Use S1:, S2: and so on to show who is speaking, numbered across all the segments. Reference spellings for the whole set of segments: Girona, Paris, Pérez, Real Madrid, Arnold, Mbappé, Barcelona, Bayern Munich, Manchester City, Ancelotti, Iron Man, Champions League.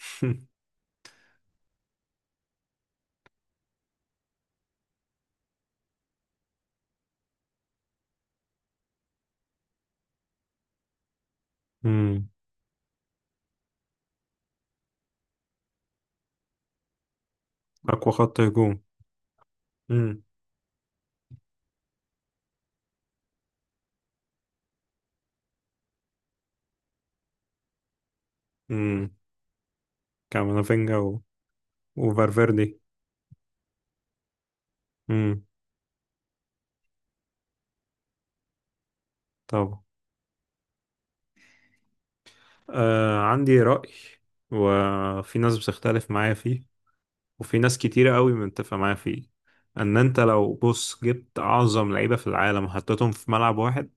S1: امم. اقوى خط هجوم. امم امم. كامافينجا وفالفيردي. امم. طبعا. عندي رأي، وفي ناس بتختلف معايا فيه، وفي ناس كتيرة قوي متفقة معايا فيه. ان انت لو بص جبت اعظم لعيبة في العالم حطيتهم في ملعب واحد،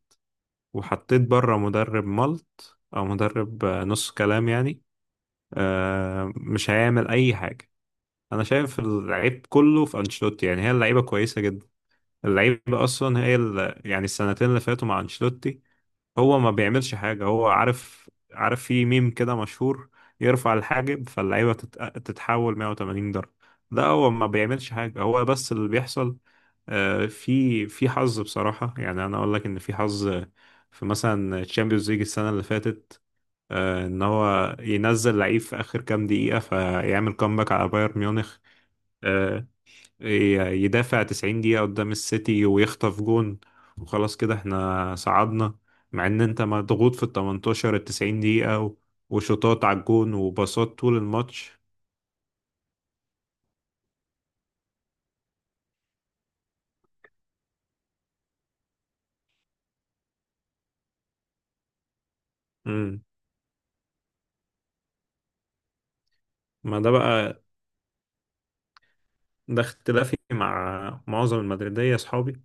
S1: وحطيت بره مدرب ملط او مدرب نص كلام يعني. مش هيعمل اي حاجة. انا شايف اللعيب كله في انشيلوتي، يعني هي اللعيبة كويسة جدا. اللعيب اصلا هي يعني السنتين اللي فاتوا مع انشيلوتي هو ما بيعملش حاجه. هو عارف في ميم كده مشهور، يرفع الحاجب فاللعيبه تتحول 180 درجه. ده هو ما بيعملش حاجه، هو بس اللي بيحصل. في حظ بصراحه، يعني انا اقول لك ان في حظ. في مثلا تشامبيونز ليج السنه اللي فاتت، ان هو ينزل لعيب في اخر كام دقيقه فيعمل كومباك على بايرن ميونخ. آه، يدافع 90 دقيقة قدام السيتي ويخطف جون، وخلاص كده احنا صعدنا. مع ان انت مضغوط في ال 18، ال 90 دقيقة وشوطات على الجون وباصات طول الماتش. امم. ما ده بقى، ده اختلافي مع معظم المدريدية اصحابي.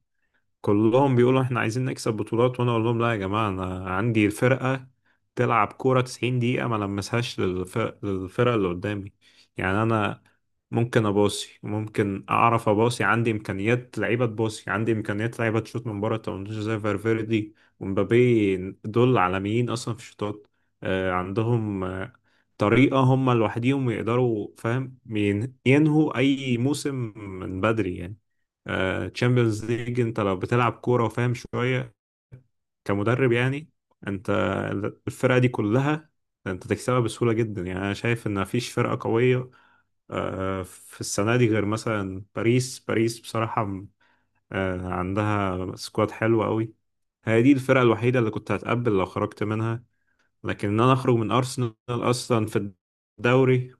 S1: كلهم بيقولوا احنا عايزين نكسب بطولات، وانا اقول لهم لا يا جماعة، انا عندي الفرقة تلعب كورة 90 دقيقة ما لمسهاش للفرق، للفرقة اللي قدامي. يعني انا ممكن اباصي، ممكن اعرف اباصي، عندي امكانيات لعيبة تباصي، عندي امكانيات لعيبة تشوط من بره التمنتاشر زي فالفيردي ومبابي. دول عالميين اصلا في الشوطات. عندهم طريقة هم لوحديهم يقدروا فاهم ينهوا أي موسم من بدري، يعني تشامبيونز ليج. أنت لو بتلعب كورة وفاهم شوية كمدرب، يعني أنت الفرقة دي كلها أنت تكسبها بسهولة جدا. يعني أنا شايف إن مفيش فرقة قوية في السنة دي غير مثلا باريس بصراحة عندها سكواد حلو قوي. هي دي الفرقة الوحيدة اللي كنت هتقبل لو خرجت منها، لكن إن أنا أخرج من أرسنال أصلا في الدوري.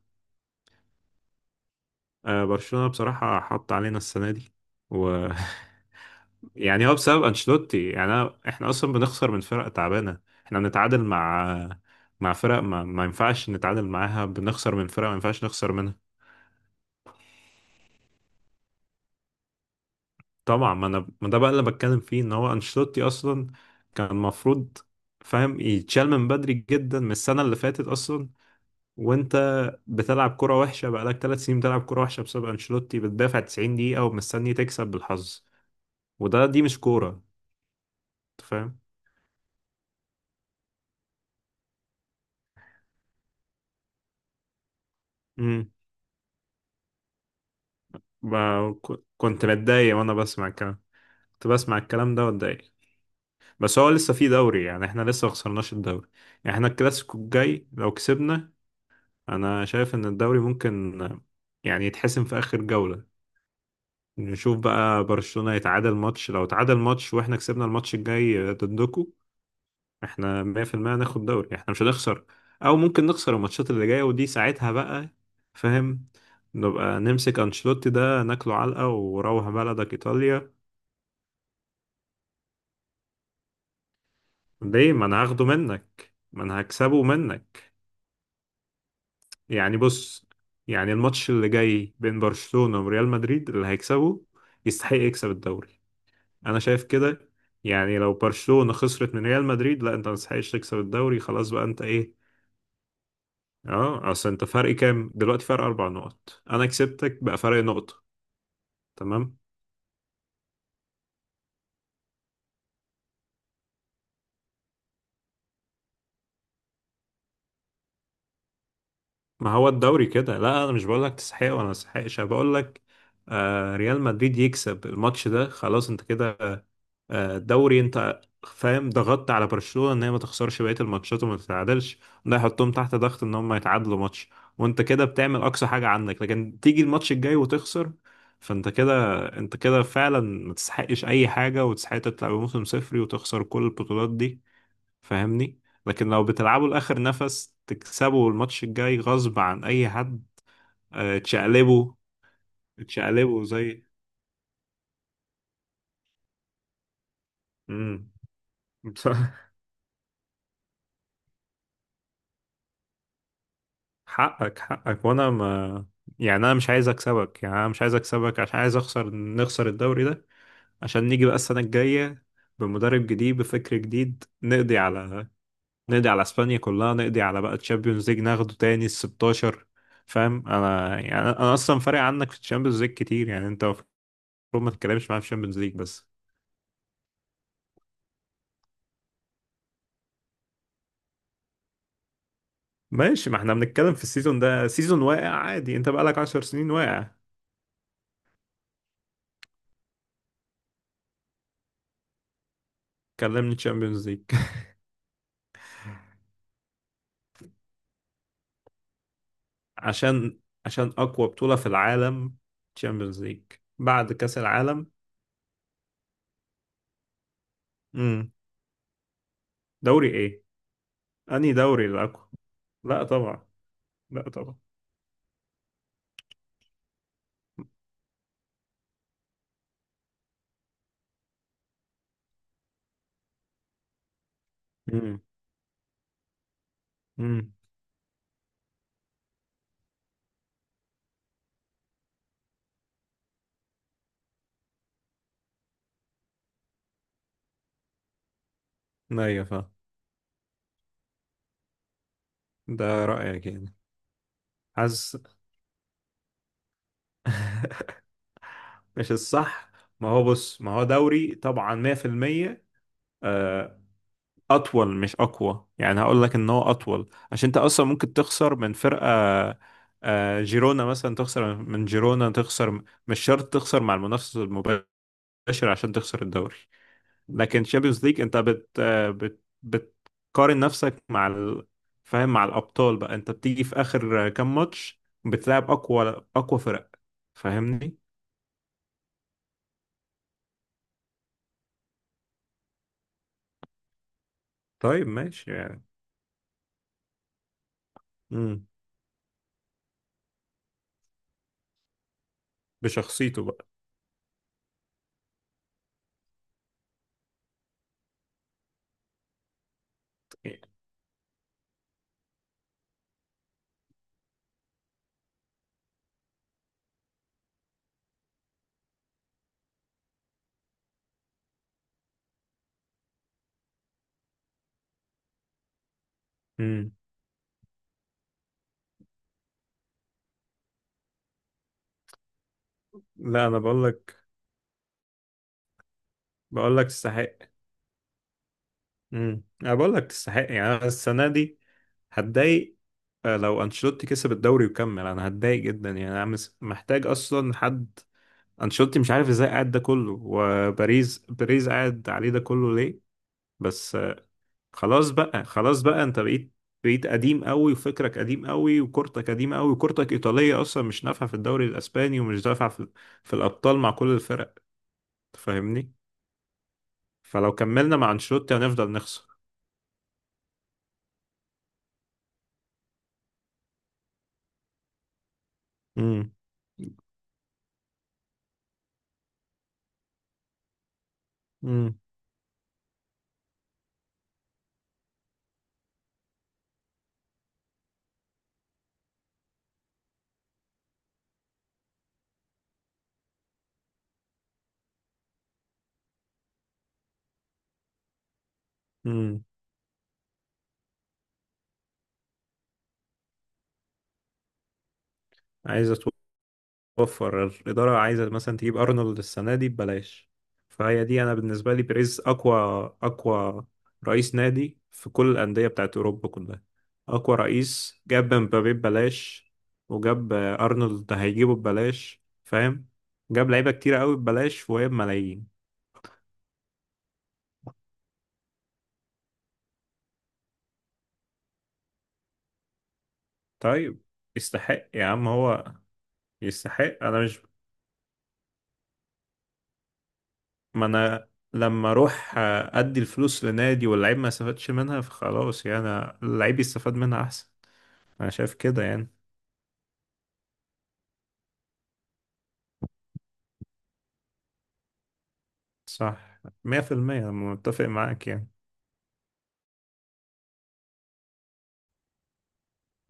S1: برشلونة بصراحة حط علينا السنة دي. و يعني هو بسبب أنشيلوتي، يعني أنا احنا أصلا بنخسر من فرق تعبانة، احنا بنتعادل مع فرق ما ينفعش نتعادل معاها، بنخسر من فرق ما ينفعش نخسر منها. طبعا، ما أنا ما ده بقى اللي بتكلم فيه، إن هو أنشيلوتي أصلا كان المفروض فاهم يتشال من بدري جدا من السنة اللي فاتت أصلا. وأنت بتلعب كرة وحشة بقالك 3 سنين، بتلعب كرة وحشة بسبب أنشيلوتي، بتدافع 90 دقيقة ومستني تكسب بالحظ، وده دي مش كورة. امم. كنت بتضايق وانا بسمع الكلام، كنت بسمع الكلام ده واتضايق. بس هو لسه في دوري، يعني احنا لسه ما خسرناش الدوري. يعني احنا الكلاسيكو الجاي لو كسبنا، انا شايف ان الدوري ممكن يعني يتحسم في اخر جولة. نشوف بقى برشلونة يتعادل ماتش، لو اتعادل ماتش واحنا كسبنا الماتش الجاي ضدكم، احنا 100% هناخد دوري، احنا مش هنخسر. او ممكن نخسر الماتشات اللي جاية، ودي ساعتها بقى فاهم نبقى نمسك انشيلوتي ده ناكله علقة وروح بلدك ايطاليا. ليه؟ ما انا هاخده منك، ما انا هكسبه منك. يعني بص، يعني الماتش اللي جاي بين برشلونة وريال مدريد اللي هيكسبه يستحق يكسب الدوري. انا شايف كده. يعني لو برشلونة خسرت من ريال مدريد، لا انت ما تستحقش تكسب الدوري، خلاص بقى انت ايه. اه، اصل انت فرق كام دلوقتي؟ فرق 4 نقط، انا كسبتك بقى فرق نقطة. تمام. ما هو الدوري كده، لا انا مش بقول لك تستحق ولا ما تستحقش، انا بقول لك آه، ريال مدريد يكسب الماتش ده خلاص انت كده دوري. انت فاهم ضغطت على برشلونة ان هي ما تخسرش بقية الماتشات وما تتعادلش، ده يحطهم تحت ضغط ان هم يتعادلوا ماتش، وانت كده بتعمل اقصى حاجة عندك. لكن تيجي الماتش الجاي وتخسر، فانت كده، انت كده فعلا ما تستحقش اي حاجة، وتستحق تطلع بموسم صفري وتخسر كل البطولات دي. فاهمني؟ لكن لو بتلعبوا لاخر نفس تكسبوا الماتش الجاي غصب عن اي حد، تشقلبوا، تشقلبوا زي امم. حقك وانا ما، يعني انا مش عايز اكسبك، يعني انا مش عايز اكسبك عشان عايز اخسر، نخسر الدوري ده عشان نيجي بقى السنة الجاية بمدرب جديد بفكر جديد، نقضي على اسبانيا كلها، نقضي على بقى تشامبيونز ليج ناخده تاني ال 16. فاهم انا، يعني انا اصلا فارق عنك في الشامبيونز ليج كتير، يعني انت المفروض ما تتكلمش معايا في الشامبيونز ليج بس. ماشي، ما احنا بنتكلم في السيزون ده، سيزون واقع عادي، انت بقالك 10 سنين واقع. كلمني تشامبيونز ليج. عشان عشان اقوى بطولة في العالم تشامبيونز ليج بعد كأس العالم. امم. دوري ايه؟ انهي دوري الاقوى؟ لا طبعا. لا طبعا. امم. امم. ايوه فاهم. ده رأيك يعني. حاسس مش الصح. ما هو بص، ما هو دوري طبعا 100%. آه، اطول مش اقوى، يعني هقول لك ان هو اطول عشان انت اصلا ممكن تخسر من فرقة جيرونا مثلا، تخسر من جيرونا، تخسر. مش شرط تخسر مع المنافس المباشر، مباشر عشان تخسر الدوري. لكن تشامبيونز ليج انت بت بت بتقارن نفسك مع فاهم مع الابطال بقى، انت بتيجي في اخر كام ماتش، بتلعب اقوى اقوى فرق. فاهمني؟ طيب ماشي يعني. امم. بشخصيته بقى. امم. لا انا بقول لك تستحق. امم. انا بقول لك تستحق، يعني انا السنه دي هتضايق، لو انشيلوتي كسب الدوري وكمل انا هتضايق جدا، يعني انا محتاج اصلا حد. انشيلوتي مش عارف ازاي قاعد ده كله، وباريس قاعد عليه ده كله ليه؟ بس خلاص بقى، خلاص بقى انت بقيت قديم قوي، وفكرك قديم قوي، وكورتك قديم قوي، وكورتك ايطاليه اصلا مش نافعه في الدوري الاسباني، ومش نافعه في الابطال مع كل الفرق. تفهمني؟ فلو كملنا مع انشيلوتي هنفضل نخسر. امم. امم. امم. عايز، وفر الإدارة عايزة مثلا تجيب أرنولد السنة دي ببلاش. فهي دي أنا بالنسبة لي بيريز أقوى رئيس نادي في كل الأندية بتاعت أوروبا كلها. أقوى رئيس جاب مبابي ببلاش، وجاب أرنولد هيجيبه ببلاش فاهم. جاب لعيبة كتيرة قوي ببلاش وهي بملايين. طيب يستحق يا عم هو. يستحق أنا مش. ما أنا لما أروح أدي الفلوس لنادي واللعيب ما استفادش منها، فخلاص يعني اللعيب يستفاد منها أحسن. انا شايف كده يعني. صح. 100% متفق معاك يعني.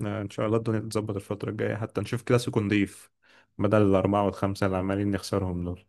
S1: ان شاء الله الدنيا تتظبط الفترة الجاية حتى نشوف كلاسيكو نضيف، بدل الأربعة والخمسة اللي عمالين نخسرهم دول.